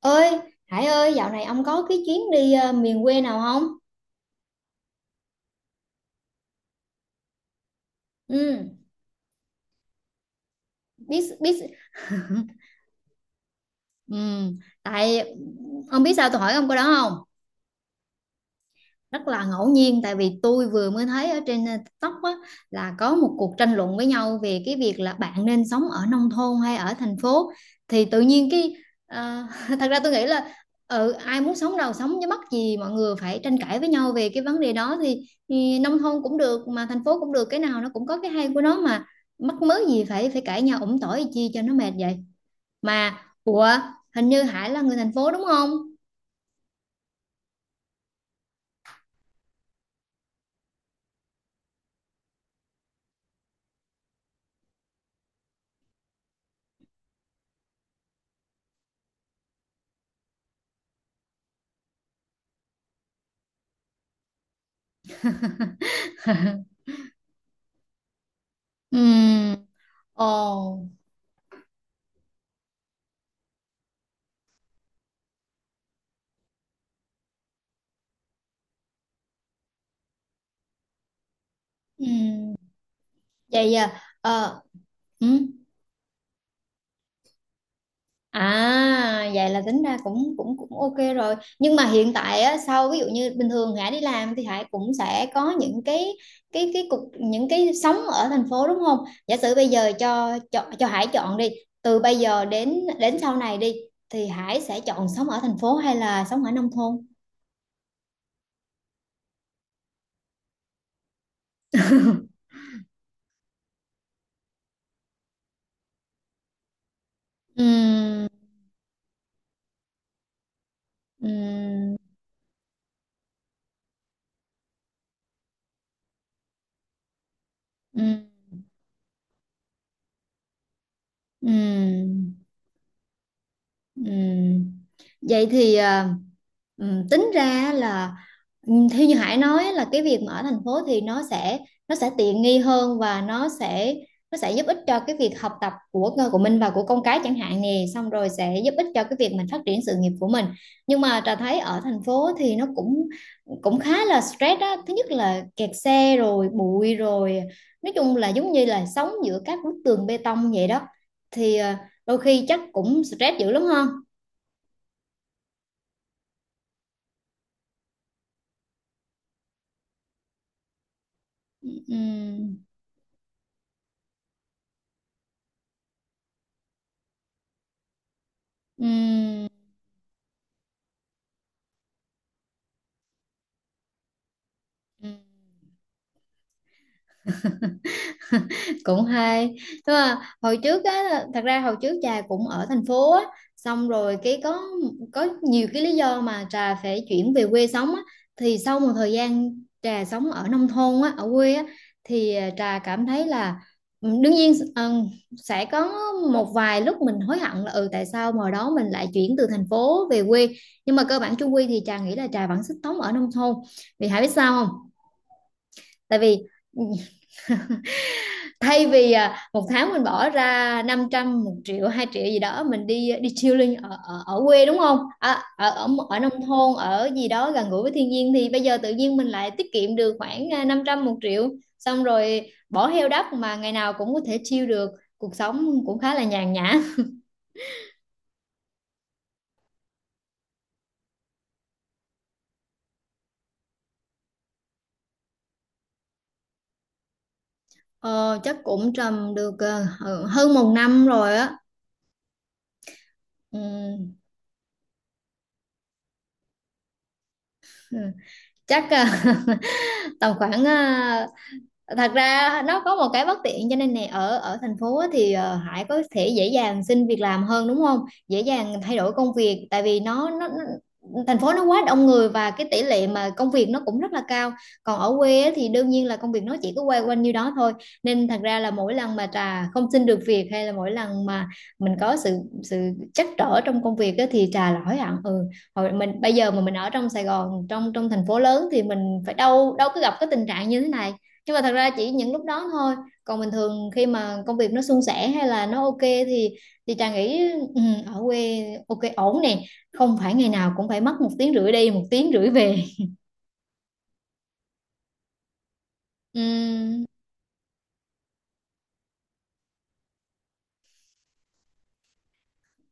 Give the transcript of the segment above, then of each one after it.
Ơi, Hải ơi, dạo này ông có cái chuyến đi miền quê nào không? Ừ, biết biết. Ừ, tại ông biết sao tôi hỏi ông câu đó không? Rất là ngẫu nhiên, tại vì tôi vừa mới thấy ở trên TikTok á, là có một cuộc tranh luận với nhau về cái việc là bạn nên sống ở nông thôn hay ở thành phố. Thì tự nhiên cái ờ, thật ra tôi nghĩ là ừ, ai muốn sống đâu sống, chứ mắc gì mọi người phải tranh cãi với nhau về cái vấn đề đó. Thì nông thôn cũng được mà thành phố cũng được, cái nào nó cũng có cái hay của nó mà. Mắc mớ gì phải phải cãi nhau ủng tỏi chi cho nó mệt vậy mà. Ủa, hình như Hải là người thành phố đúng không? Ừ. Ồ. Ừ. Vậy giờ ờ ừ. À, vậy là tính ra cũng cũng cũng ok rồi, nhưng mà hiện tại á, sau ví dụ như bình thường Hải đi làm thì Hải cũng sẽ có những cái cục, những cái sống ở thành phố đúng không? Giả sử bây giờ cho Hải chọn đi, từ bây giờ đến đến sau này đi, thì Hải sẽ chọn sống ở thành phố hay là sống ở nông thôn? Ừm, ừm, ừm, ừm. Ừm, Vậy thì à, tính ra là theo như Hải nói là cái việc mà ở thành phố thì nó sẽ tiện nghi hơn, và nó sẽ giúp ích cho cái việc học tập của mình và của con cái chẳng hạn nè, xong rồi sẽ giúp ích cho cái việc mình phát triển sự nghiệp của mình. Nhưng mà Trà thấy ở thành phố thì nó cũng cũng khá là stress á, thứ nhất là kẹt xe rồi bụi rồi, nói chung là giống như là sống giữa các bức tường bê tông vậy đó. Thì đôi khi chắc cũng stress dữ lắm không? Ừm, ừm, ừm. Cũng hay. Nhưng mà hồi trước á, thật ra hồi trước trà cũng ở thành phố á, xong rồi cái có nhiều cái lý do mà trà phải chuyển về quê sống á. Thì sau một thời gian trà sống ở nông thôn á, ở quê á, thì à, trà cảm thấy là ừ, đương nhiên ừ, sẽ có một vài lúc mình hối hận là ừ, tại sao hồi đó mình lại chuyển từ thành phố về quê. Nhưng mà cơ bản chung quy thì trà nghĩ là trà vẫn sức sống ở nông thôn. Vì hãy biết sao không? Tại vì ừ, thay vì à, 1 tháng mình bỏ ra 500, 1 triệu, 2 triệu gì đó mình đi đi chilling ở ở quê đúng không, à, ở ở ở nông thôn, ở gì đó gần gũi với thiên nhiên, thì bây giờ tự nhiên mình lại tiết kiệm được khoảng à, 500, 1 triệu, xong rồi bỏ heo đất mà ngày nào cũng có thể chill được. Cuộc sống cũng khá là nhàn nhã. Ờ, Chắc cũng trầm được hơn 1 năm rồi á. Ừm, chắc tầm khoảng à, thật ra nó có một cái bất tiện cho nên nè, ở ở thành phố á thì Hải có thể dễ dàng xin việc làm hơn đúng không? Dễ dàng thay đổi công việc, tại vì nó thành phố nó quá đông người, và cái tỷ lệ mà công việc nó cũng rất là cao. Còn ở quê á thì đương nhiên là công việc nó chỉ cứ quay quanh như đó thôi. Nên thật ra là mỗi lần mà Trà không xin được việc, hay là mỗi lần mà mình có sự sự trắc trở trong công việc á, thì Trà là hối hận. Ừ, hồi mình bây giờ mà mình ở trong Sài Gòn, trong trong thành phố lớn, thì mình phải, đâu đâu có gặp cái tình trạng như thế này. Nhưng mà thật ra chỉ những lúc đó thôi. Còn bình thường khi mà công việc nó suôn sẻ hay là nó ok, thì Trà nghĩ ừ, ở quê ok ổn nè, không phải ngày nào cũng phải mất 1 tiếng rưỡi đi, 1 tiếng rưỡi về. Ừm,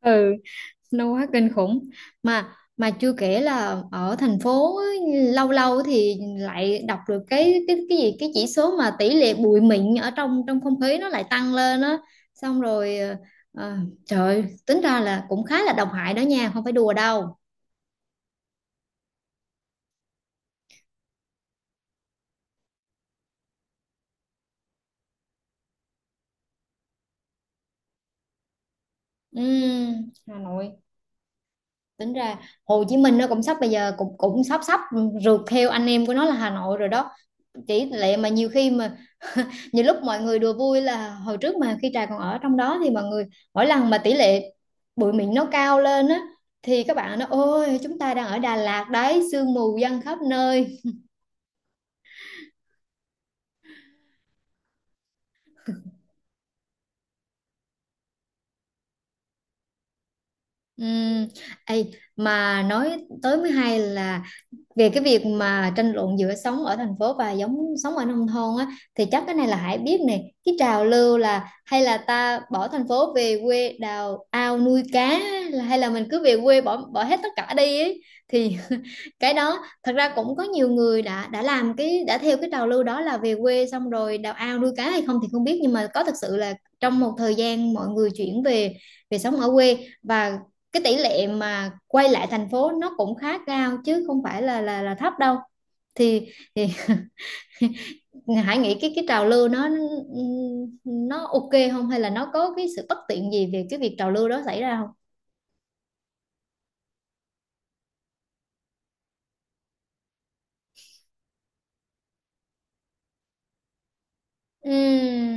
ừ, nó quá kinh khủng. Mà mà chưa kể là ở thành phố á, lâu lâu thì lại đọc được cái gì, cái chỉ số mà tỷ lệ bụi mịn ở trong trong không khí nó lại tăng lên á, xong rồi ờ, trời ơi, tính ra là cũng khá là độc hại đó nha, không phải đùa đâu. Hà Nội. Tính ra Hồ Chí Minh nó cũng sắp, bây giờ cũng cũng sắp sắp rượt theo anh em của nó là Hà Nội rồi đó. Chỉ lệ mà nhiều khi mà nhiều lúc mọi người đùa vui là, hồi trước mà khi Trà còn ở trong đó thì mọi người, mỗi lần mà tỷ lệ bụi mịn nó cao lên á, thì các bạn nó ôi chúng ta đang ở Đà Lạt đấy, sương mù giăng khắp nơi. Ừm, ê, mà nói tới mới hay là, về cái việc mà tranh luận giữa sống ở thành phố và giống sống ở nông thôn á, thì chắc cái này là Hải biết này, cái trào lưu là hay là ta bỏ thành phố về quê đào ao nuôi cá á, là hay là mình cứ về quê bỏ bỏ hết tất cả đi ấy. Thì cái đó thật ra cũng có nhiều người đã làm cái, đã theo cái trào lưu đó là về quê xong rồi đào ao nuôi cá hay không thì không biết, nhưng mà có thật sự là trong một thời gian mọi người chuyển về về sống ở quê, và cái tỷ lệ mà quay lại thành phố nó cũng khá cao, chứ không phải là thấp đâu. Thì Hải nghĩ cái trào lưu nó ok không, hay là nó có cái sự bất tiện gì về cái việc trào lưu đó xảy ra không? Ừm.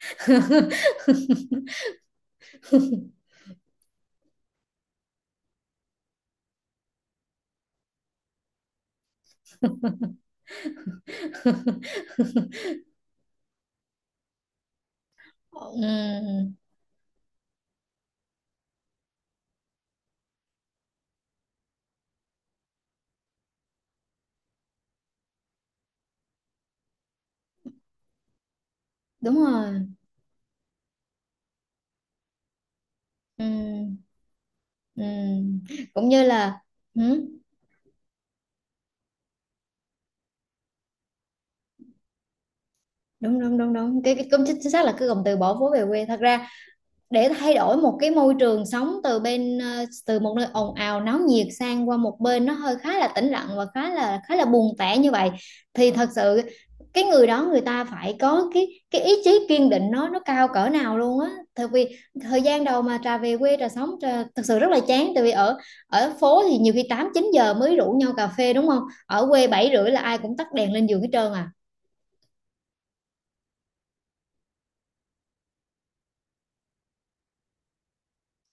Ừm, đúng rồi. Ừm, ừm. Cũng như là ừm, đúng đúng đúng đúng, cái cũng chính chính xác là cái cụm từ bỏ phố về quê. Thật ra, để thay đổi một cái môi trường sống, từ bên từ một nơi ồn ào náo nhiệt sang qua một bên nó hơi khá là tĩnh lặng và khá là buồn tẻ như vậy, thì thật sự cái người đó, người ta phải có cái ý chí kiên định nó cao cỡ nào luôn á, tại vì thời gian đầu mà trà về quê, thật sự rất là chán. Tại vì ở ở phố thì nhiều khi 8, 9 giờ mới rủ nhau cà phê đúng không, ở quê 7 rưỡi là ai cũng tắt đèn lên giường hết trơn à.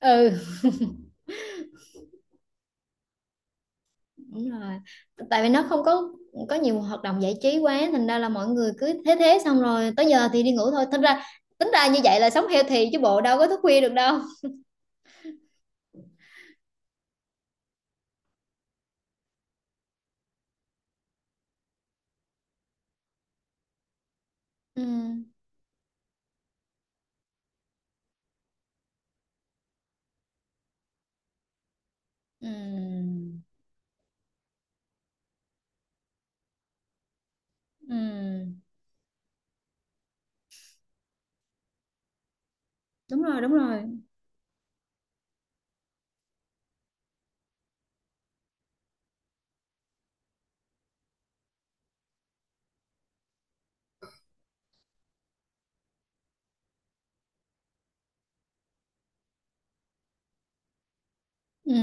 Ừ, đúng rồi. Tại vì nó không có nhiều hoạt động giải trí quá, thành ra là mọi người cứ thế thế xong rồi tới giờ thì đi ngủ thôi. Thành ra tính ra như vậy là sống healthy chứ bộ, đâu có thức khuya được đâu. Ừ. Ừ. Ừ. Đúng rồi, đúng rồi. Ừ.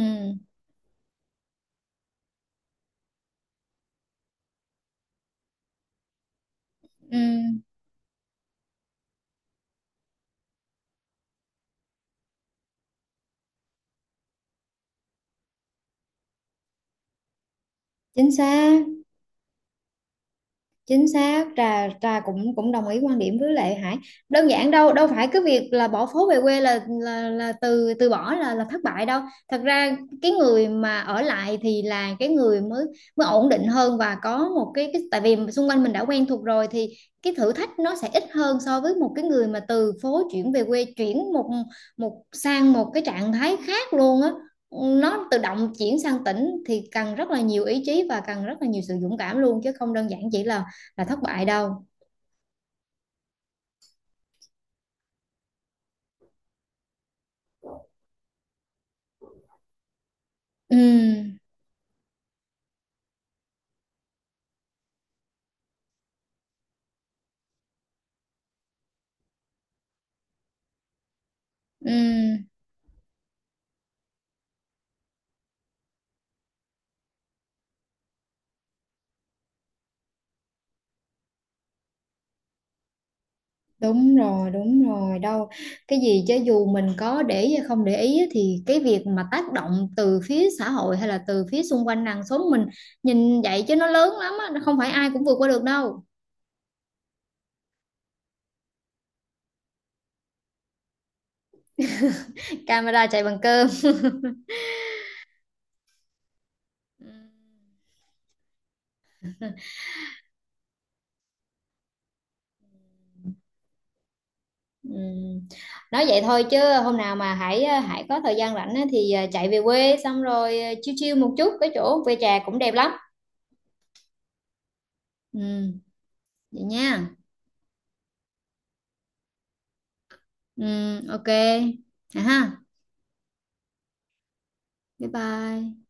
Ừ. Chính xác. Chính xác, trà trà cũng cũng đồng ý quan điểm với Lệ Hải. Đơn giản, đâu đâu phải cái việc là bỏ phố về quê là, là từ từ bỏ, là thất bại đâu. Thật ra cái người mà ở lại thì là cái người mới mới ổn định hơn, và có một cái, tại vì xung quanh mình đã quen thuộc rồi, thì cái thử thách nó sẽ ít hơn so với một cái người mà từ phố chuyển về quê, chuyển một một sang một cái trạng thái khác luôn á, nó tự động chuyển sang tỉnh, thì cần rất là nhiều ý chí và cần rất là nhiều sự dũng cảm luôn, chứ không đơn giản chỉ là thất bại đâu. Ừ, ừ, đúng rồi, đúng rồi đâu, cái gì chứ dù mình có để ý hay không để ý á, thì cái việc mà tác động từ phía xã hội hay là từ phía xung quanh nàng xóm mình, nhìn vậy chứ nó lớn lắm á, nó không phải ai cũng vượt qua được đâu. Camera chạy bằng cơm. Ừ. Ừ. Nói vậy thôi chứ, hôm nào mà Hải Hải có thời gian rảnh á, thì chạy về quê xong rồi chill chill một chút, cái chỗ quê trà cũng đẹp lắm. Ừ, vậy nha. Ừ, ok. À ha. Bye bye.